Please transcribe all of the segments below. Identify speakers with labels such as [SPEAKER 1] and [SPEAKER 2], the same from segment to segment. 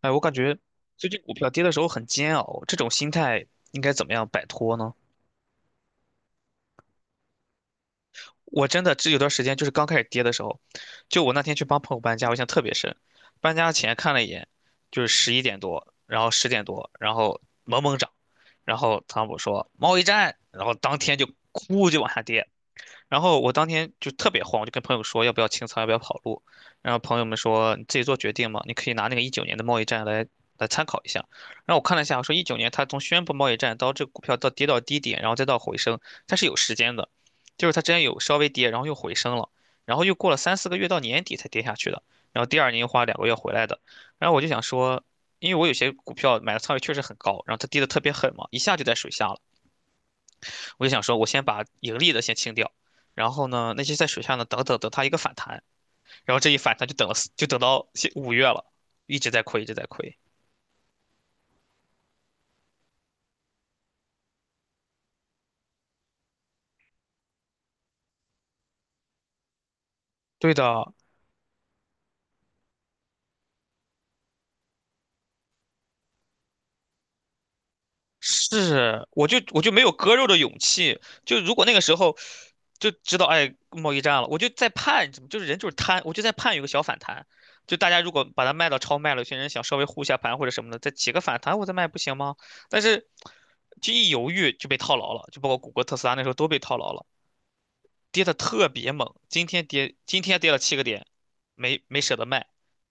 [SPEAKER 1] 哎，我感觉最近股票跌的时候很煎熬，这种心态应该怎么样摆脱呢？我真的这有段时间就是刚开始跌的时候，就我那天去帮朋友搬家，我印象特别深。搬家前看了一眼，就是十一点多，然后十点多，然后猛猛涨，然后汤姆说贸易战，然后当天就哭就往下跌，然后我当天就特别慌，我就跟朋友说要不要清仓，要不要跑路。然后朋友们说你自己做决定嘛，你可以拿那个一九年的贸易战来参考一下。然后我看了一下，我说一九年它从宣布贸易战到这个股票到跌到低点，然后再到回升，它是有时间的，就是它之前有稍微跌，然后又回升了，然后又过了3、4个月到年底才跌下去的，然后第二年又花2个月回来的。然后我就想说，因为我有些股票买的仓位确实很高，然后它跌的特别狠嘛，一下就在水下了。我就想说，我先把盈利的先清掉，然后呢，那些在水下呢，等它一个反弹，然后这一反弹就等到现五月了，一直在亏，一直在亏。对的，是，我就没有割肉的勇气，就如果那个时候就知道哎贸易战了，我就在盼，就是人就是贪，我就在盼有个小反弹。就大家如果把它卖到超卖了，有些人想稍微护一下盘或者什么的，再起个反弹我再卖不行吗？但是，就一犹豫就被套牢了，就包括谷歌、特斯拉那时候都被套牢了。跌的特别猛，今天跌今天跌了七个点，没舍得卖，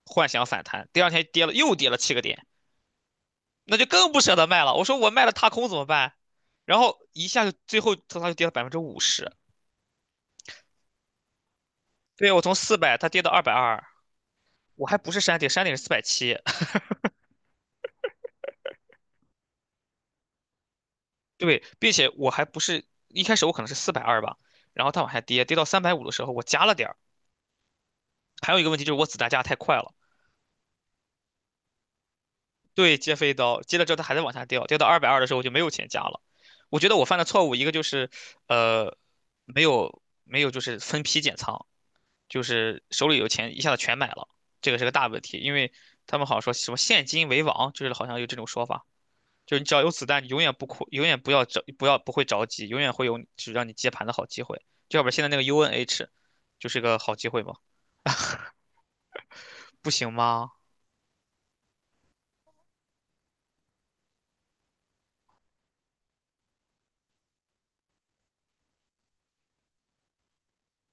[SPEAKER 1] 幻想反弹，第二天跌了又跌了七个点，那就更不舍得卖了。我说我卖了踏空怎么办？然后一下就最后它就跌了百分之五十，对我从四百它跌到二百二，我还不是山顶，山顶是470，对，并且我还不是一开始我可能是420吧，然后它往下跌，跌到350的时候我加了点儿。还有一个问题就是我子弹加的太快了。对，接飞刀，接了之后它还在往下掉，掉到二百二的时候我就没有钱加了。我觉得我犯的错误一个就是，呃，没有就是分批减仓，就是手里有钱一下子全买了，这个是个大问题，因为他们好像说什么现金为王，就是好像有这种说法，就是你只要有子弹，你永远不哭，永远不要着，不要不会着急，永远会有就是让你接盘的好机会。就要不然现在那个 UNH 就是个好机会嘛，不行吗？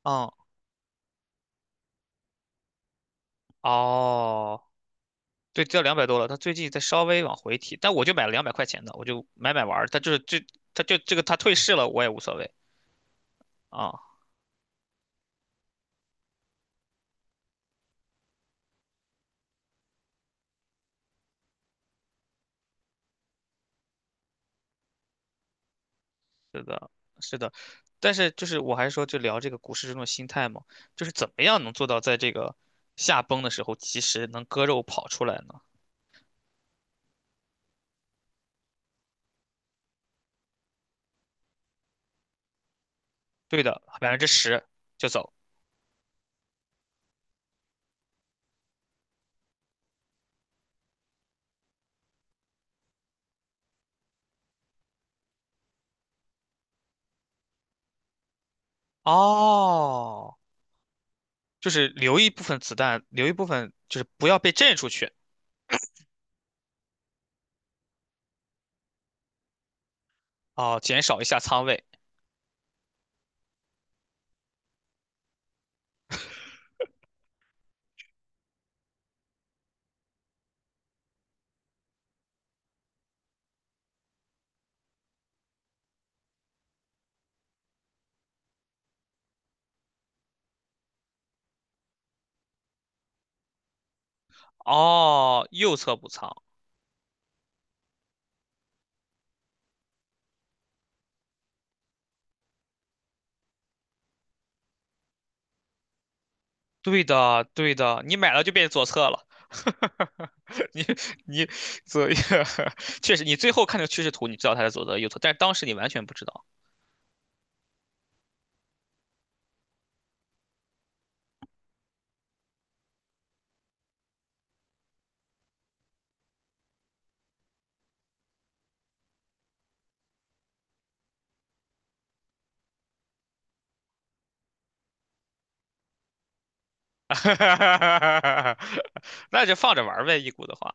[SPEAKER 1] 嗯，哦。对，掉200多了，他最近在稍微往回提，但我就买了200块钱的，我就买买玩儿。它就是这，他就这个他退市了，我也无所谓啊。是的，是的，但是就是我还是说，就聊这个股市这种心态嘛，就是怎么样能做到在这个下崩的时候及时能割肉跑出来呢？对的，百分之十就走。哦，就是留一部分子弹，留一部分就是不要被震出去哦，减少一下仓位哦，右侧补仓对的，对的，你买了就变左侧了。你你左右，确实，你最后看这个趋势图，你知道它是左侧右侧，但是当时你完全不知道。那就放着玩儿呗，一股的话。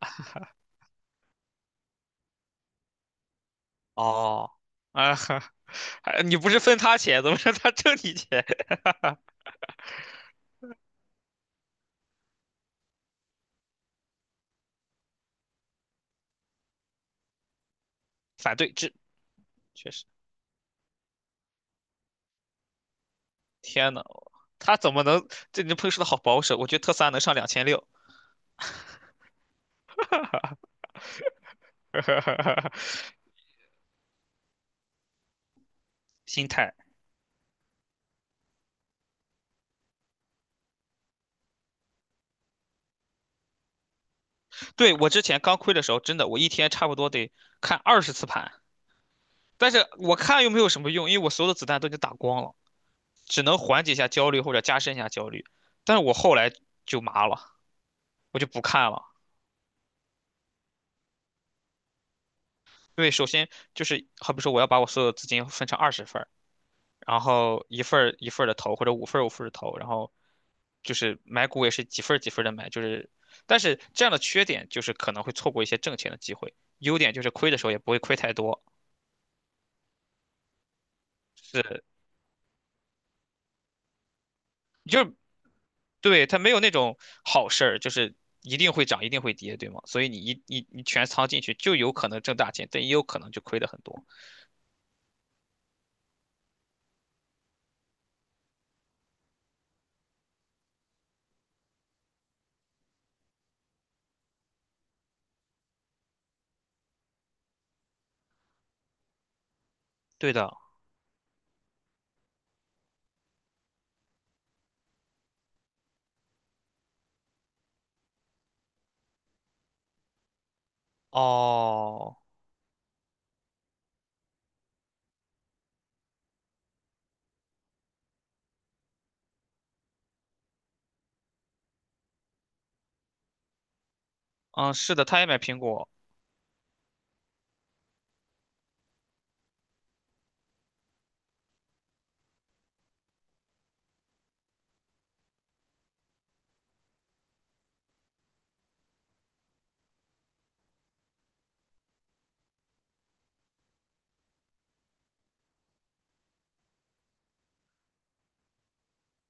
[SPEAKER 1] 哦，啊，还你不是分他钱，怎么让他挣你钱？反对这确实，天呐，他怎么能？这你朋友说的好保守，我觉得特斯拉能上2600，心态。对，我之前刚亏的时候，真的我一天差不多得看20次盘，但是我看又没有什么用，因为我所有的子弹都已经打光了，只能缓解一下焦虑或者加深一下焦虑。但是我后来就麻了，我就不看了，因为首先就是好比说我要把我所有的资金分成20份儿然后一份儿一份的投，或者五份儿五份的投，然后就是买股也是几份儿几份的买，就是但是这样的缺点就是可能会错过一些挣钱的机会，优点就是亏的时候也不会亏太多，是对，它没有那种好事儿，就是一定会涨，一定会跌，对吗？所以你一你你全仓进去，就有可能挣大钱，但也有可能就亏的很多。对的，哦，嗯，是的，他也买苹果，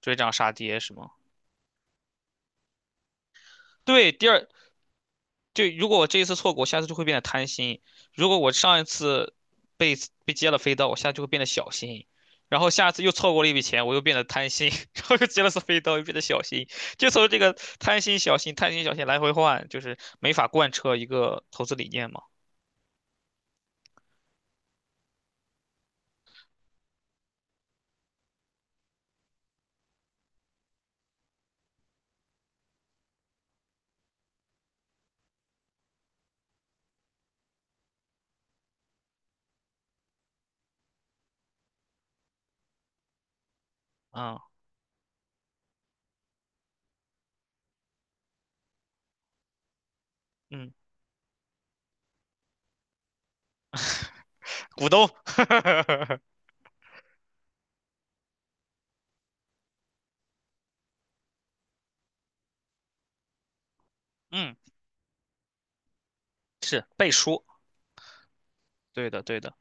[SPEAKER 1] 追涨杀跌是吗？对，第二就如果我这一次错过，我下次就会变得贪心；如果我上一次被被接了飞刀，我下次就会变得小心。然后下次又错过了一笔钱，我又变得贪心，然后又接了次飞刀，又变得小心。就从这个贪心、小心、贪心、小心来回换，就是没法贯彻一个投资理念嘛。啊，嗯，股东，嗯，是背书，对的，对的。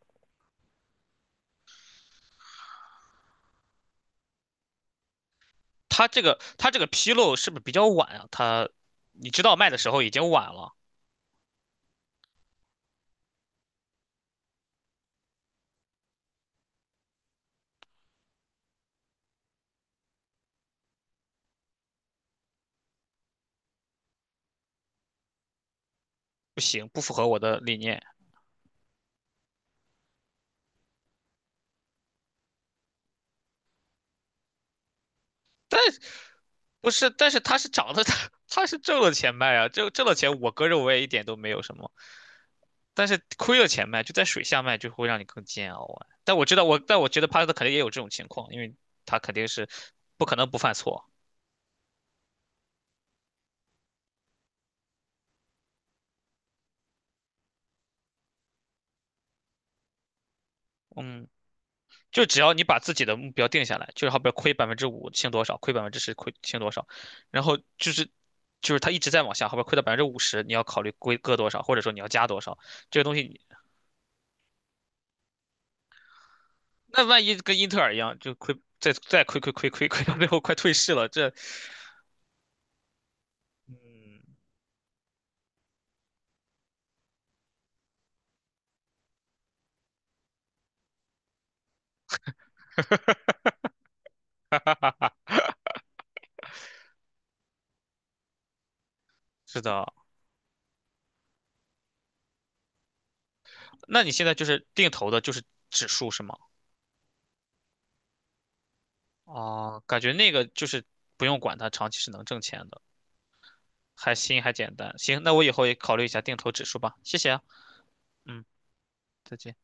[SPEAKER 1] 他这个披露是不是比较晚啊？他你知道卖的时候已经晚了，不行，不符合我的理念。但不是，但是他是涨的，他 他是挣了钱卖啊，挣了钱，我也一点都没有什么，但是亏了钱卖，就在水下卖就会让你更煎熬啊。但我知道我，但我觉得帕特肯定也有这种情况，因为他肯定是不可能不犯错，嗯，就只要你把自己的目标定下来，就是好比亏百分之五清多少，亏百分之十亏清多少，然后就是他一直在往下，好比亏到百分之五十，你要考虑亏割多少，或者说你要加多少，这个东西那万一跟英特尔一样，就亏再亏到最后快退市了，这 嗯，哈哈哈哈是的。那你现在就是定投的，就是指数是吗？哦，感觉那个就是不用管它，长期是能挣钱的，还新还简单。行，那我以后也考虑一下定投指数吧。谢谢啊，嗯，再见。